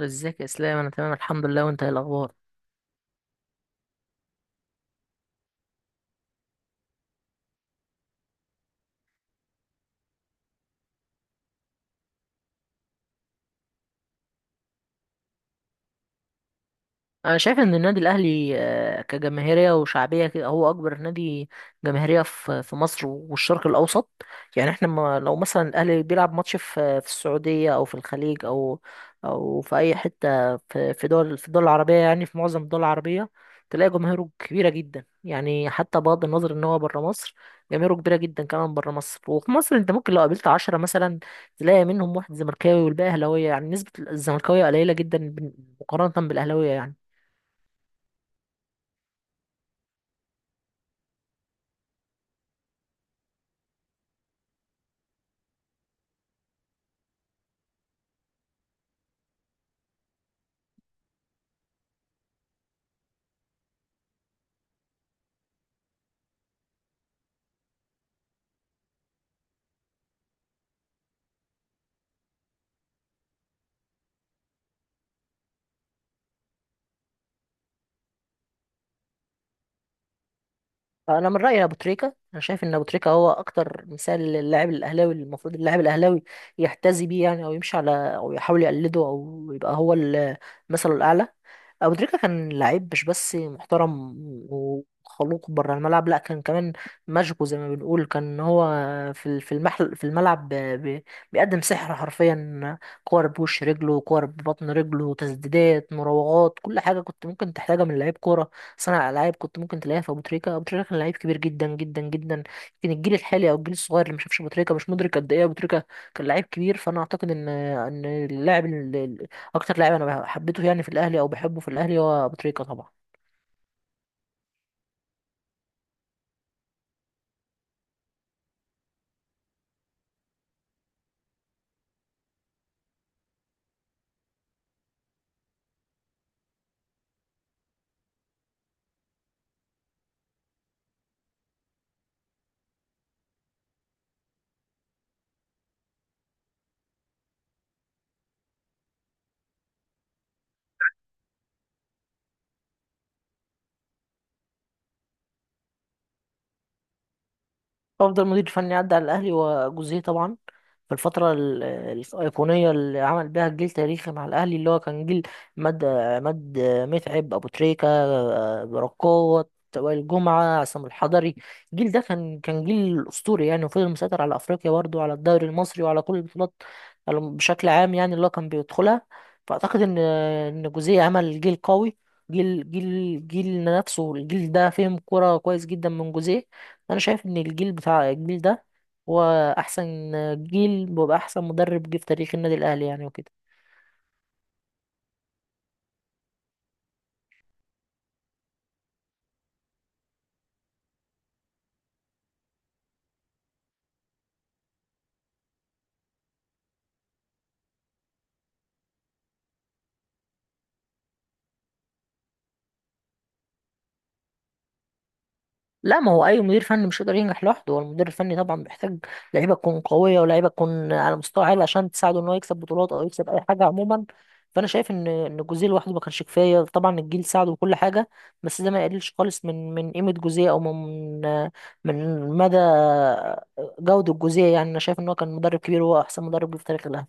ازيك يا اسلام، انا تمام الحمد لله. وانت ايه الاخبار؟ انا شايف ان النادي الاهلي كجماهيريه وشعبيه كده هو اكبر نادي جماهيريه في في مصر والشرق الاوسط. يعني احنا ما لو مثلا الاهلي بيلعب ماتش في السعوديه او في الخليج او في اي حته في الدول العربيه، يعني في معظم الدول العربيه تلاقي جماهيره كبيره جدا. يعني حتى بغض النظر ان هو بره مصر، جماهيره كبيره جدا كمان بره مصر. وفي مصر انت ممكن لو قابلت 10 مثلا تلاقي منهم واحد زملكاوي والباقي اهلاويه. يعني نسبه الزملكاويه قليله جدا مقارنه بالاهلاويه يعني. انا من رايي ابو تريكه. انا شايف ان ابو تريكه هو اكتر مثال للاعب الاهلاوي، اللي المفروض اللاعب الاهلاوي يحتذي بيه، يعني او يمشي على، او يحاول يقلده، او يبقى هو مثله الاعلى. ابو تريكه كان لعيب مش بس محترم وخلوق بره الملعب، لا كان كمان ماجيكو زي ما بنقول. كان هو في المحل في الملعب ب- بيقدم سحر حرفيا. كور بوش رجله، كور ببطن رجله، تسديدات، مراوغات، كل حاجه كنت ممكن تحتاجها من لعيب كوره، صانع العاب، كنت ممكن تلاقيها في ابو تريكه. ابو تريكه كان لعيب كبير جدا جدا جدا. يمكن الجيل الحالي او الجيل الصغير اللي ما شافش ابو تريكه مش مدرك قد ايه ابو تريكه كان لعيب كبير. فانا اعتقد ان اكتر لاعب انا حبيته، يعني في الاهلي او بحبه في الاهلي، هو ابو تريكه طبعا. افضل مدير فني عدى على الاهلي وجوزيه طبعا، في الفتره الايقونيه اللي عمل بيها جيل تاريخي مع الاهلي، اللي هو كان جيل عماد متعب، ابو تريكه، بركات، وائل جمعه، عصام الحضري. الجيل ده كان جيل اسطوري يعني، وفضل مسيطر على افريقيا برضه وعلى الدوري المصري وعلى كل البطولات بشكل عام، يعني اللي هو كان بيدخلها. فاعتقد ان جوزيه عمل جيل قوي. جيل نفسه، الجيل ده فهم كرة كويس جدا من جوزيه. انا شايف ان الجيل بتاع الجيل ده هو احسن جيل، ويبقى احسن مدرب جه في تاريخ النادي الاهلي يعني وكده. لا، ما هو اي مدير فني مش يقدر ينجح لوحده. هو المدير الفني طبعا بيحتاج لعيبه تكون قويه ولاعيبه تكون على مستوى عالي عشان تساعده ان هو يكسب بطولات او يكسب اي حاجه عموما. فانا شايف ان جوزيه لوحده ما كانش كفايه. طبعا الجيل ساعده وكل حاجه، بس ده ما يقللش خالص من قيمه جوزيه، او من مدى جوده جوزيه. يعني انا شايف ان هو كان مدرب كبير، وهو احسن مدرب جه في تاريخ الاهلي.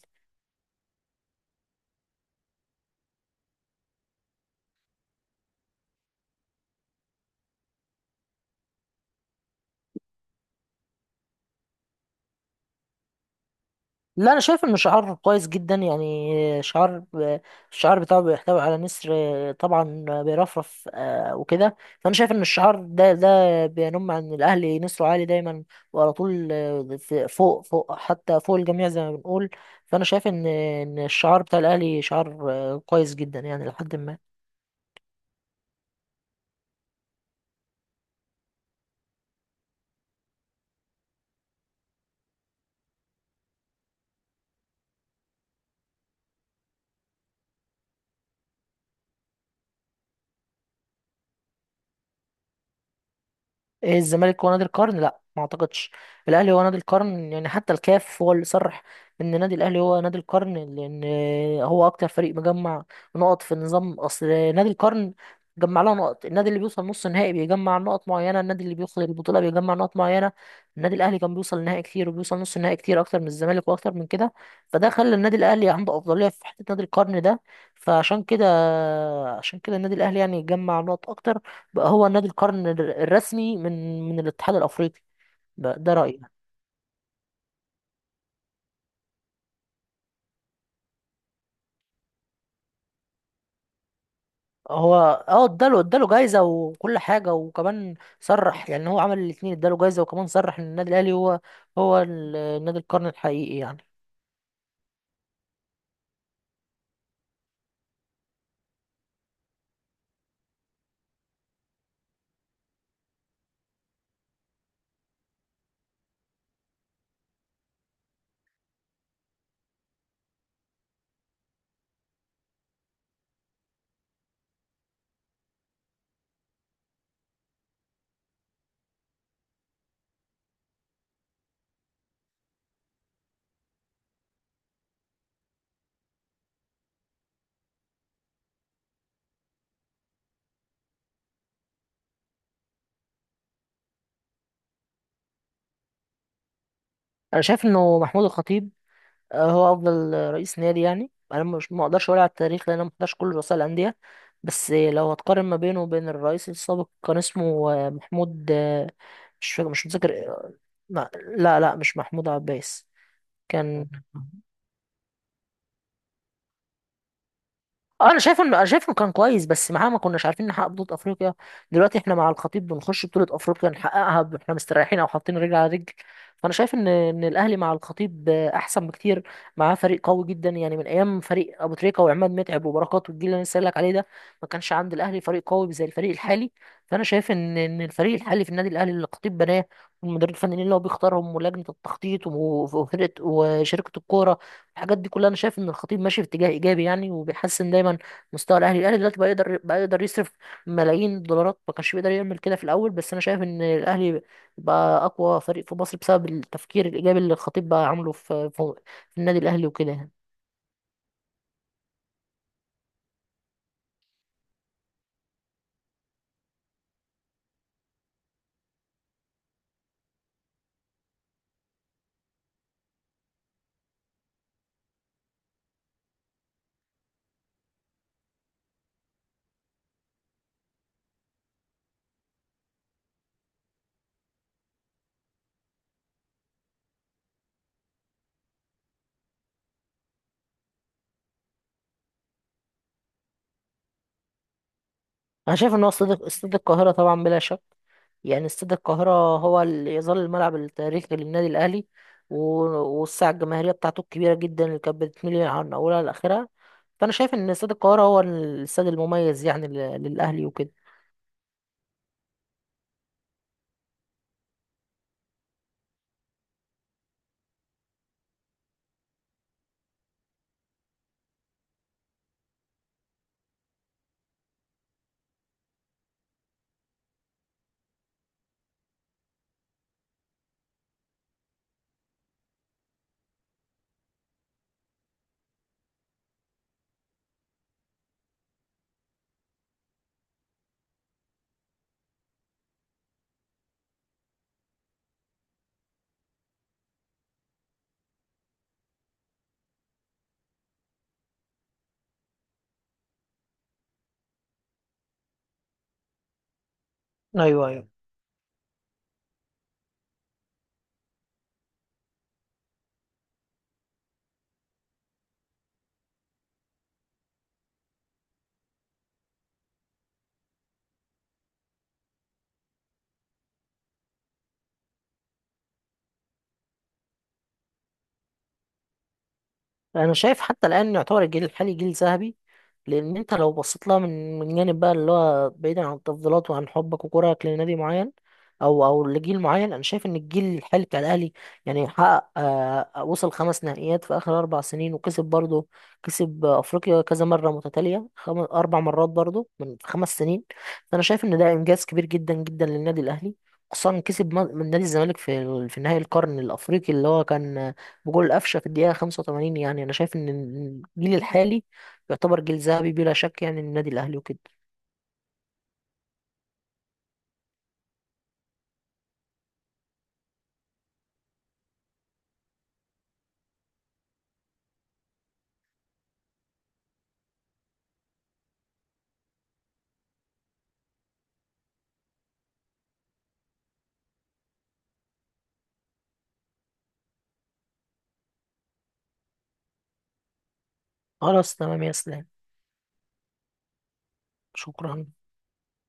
لا، انا شايف ان شعار كويس جدا. يعني الشعار بتاعه بيحتوي على نسر طبعا بيرفرف وكده. فانا شايف ان الشعار ده بينم عن الاهلي، نسره عالي دايما وعلى طول، فوق حتى فوق الجميع زي ما بنقول. فانا شايف ان الشعار بتاع الاهلي شعار كويس جدا يعني لحد ما. ايه، الزمالك هو نادي القرن؟ لا ما اعتقدش. الاهلي هو نادي القرن، يعني حتى الكاف هو اللي صرح ان نادي الاهلي هو نادي القرن. لان هو اكتر فريق مجمع نقط في النظام. اصل نادي القرن جمع لها نقط، النادي اللي بيوصل نص نهائي بيجمع نقط معينه، النادي اللي بيوصل البطوله بيجمع نقط معينه. النادي الاهلي كان بيوصل نهائي كتير وبيوصل نص نهائي كتير اكتر من الزمالك واكتر من كده. فده خلى النادي الاهلي عنده افضليه في حته نادي القرن ده. فعشان كده عشان كده النادي الاهلي يعني جمع نقط اكتر، بقى هو نادي القرن الرسمي من الاتحاد الافريقي. ده رايي. هو اه اداله جايزه وكل حاجه، وكمان صرح. يعني هو عمل الاثنين، اداله جايزه وكمان صرح ان النادي الاهلي هو نادي القرن الحقيقي يعني. انا شايف انه محمود الخطيب هو افضل رئيس نادي. يعني انا مش ما اقدرش اقول على التاريخ لان انا ما حضرش كل رؤساء الانديه. بس لو هتقارن ما بينه وبين الرئيس السابق، كان اسمه محمود، مش متذكر، ما- لا، لا، مش محمود عباس. كان، اه انا شايف انه كان كويس، بس معاه ما كناش عارفين نحقق بطولة افريقيا. دلوقتي احنا مع الخطيب بنخش بطولة افريقيا نحققها، احنا مستريحين او حاطين رجل على رجل. فانا شايف ان الاهلي مع الخطيب احسن بكتير. معاه فريق قوي جدا، يعني من ايام فريق ابو تريكة وعماد متعب وبركات والجيل اللي انا لسه قايل لك عليه ده، ما كانش عند الاهلي فريق قوي زي الفريق الحالي. فانا شايف ان الفريق الحالي في النادي الاهلي اللي الخطيب بناه، والمدير الفني اللي هو بيختارهم، ولجنة التخطيط، وفرقة وشركة الكورة، الحاجات دي كلها، انا شايف ان الخطيب ماشي في اتجاه ايجابي يعني، وبيحسن دايما مستوى الاهلي. الاهلي دلوقتي بقى يقدر يصرف ملايين الدولارات، ما كانش بيقدر يعمل كده في الاول. بس انا شايف ان الاهلي بقى اقوى فريق في مصر بسبب التفكير الايجابي اللي الخطيب بقى عامله في النادي الاهلي وكده يعني. انا شايف ان هو استاد القاهره طبعا بلا شك. يعني استاد القاهره هو اللي يظل الملعب التاريخي للنادي الاهلي، و- والساعه الجماهيريه بتاعته الكبيره جدا اللي كانت بتميل عن اولها لاخرها. فانا شايف ان استاد القاهره هو الاستاد المميز يعني للاهلي وكده. ايوه، ايوه. انا شايف حتى الان يعتبر الجيل الحالي جيل ذهبي. لان انت لو بصيت لها من جانب بقى، اللي هو بعيدا عن التفضيلات وعن حبك وكرهك لنادي معين او لجيل معين، انا شايف ان الجيل الحالي بتاع الاهلي يعني حقق آه، وصل خمس نهائيات في اخر 4 سنين، وكسب برضه، كسب افريقيا كذا مره متتاليه، اربع مرات برضه من 5 سنين. فانا شايف ان ده انجاز كبير جدا جدا للنادي الاهلي، خصوصا كسب من نادي الزمالك في نهائي القرن الافريقي اللي هو كان بجول قفشه في الدقيقه 85 يعني. انا شايف ان الجيل الحالي يعتبر جيل ذهبي بلا شك يعني، النادي الاهلي وكده. خلاص تمام يا اسلام. شكرا.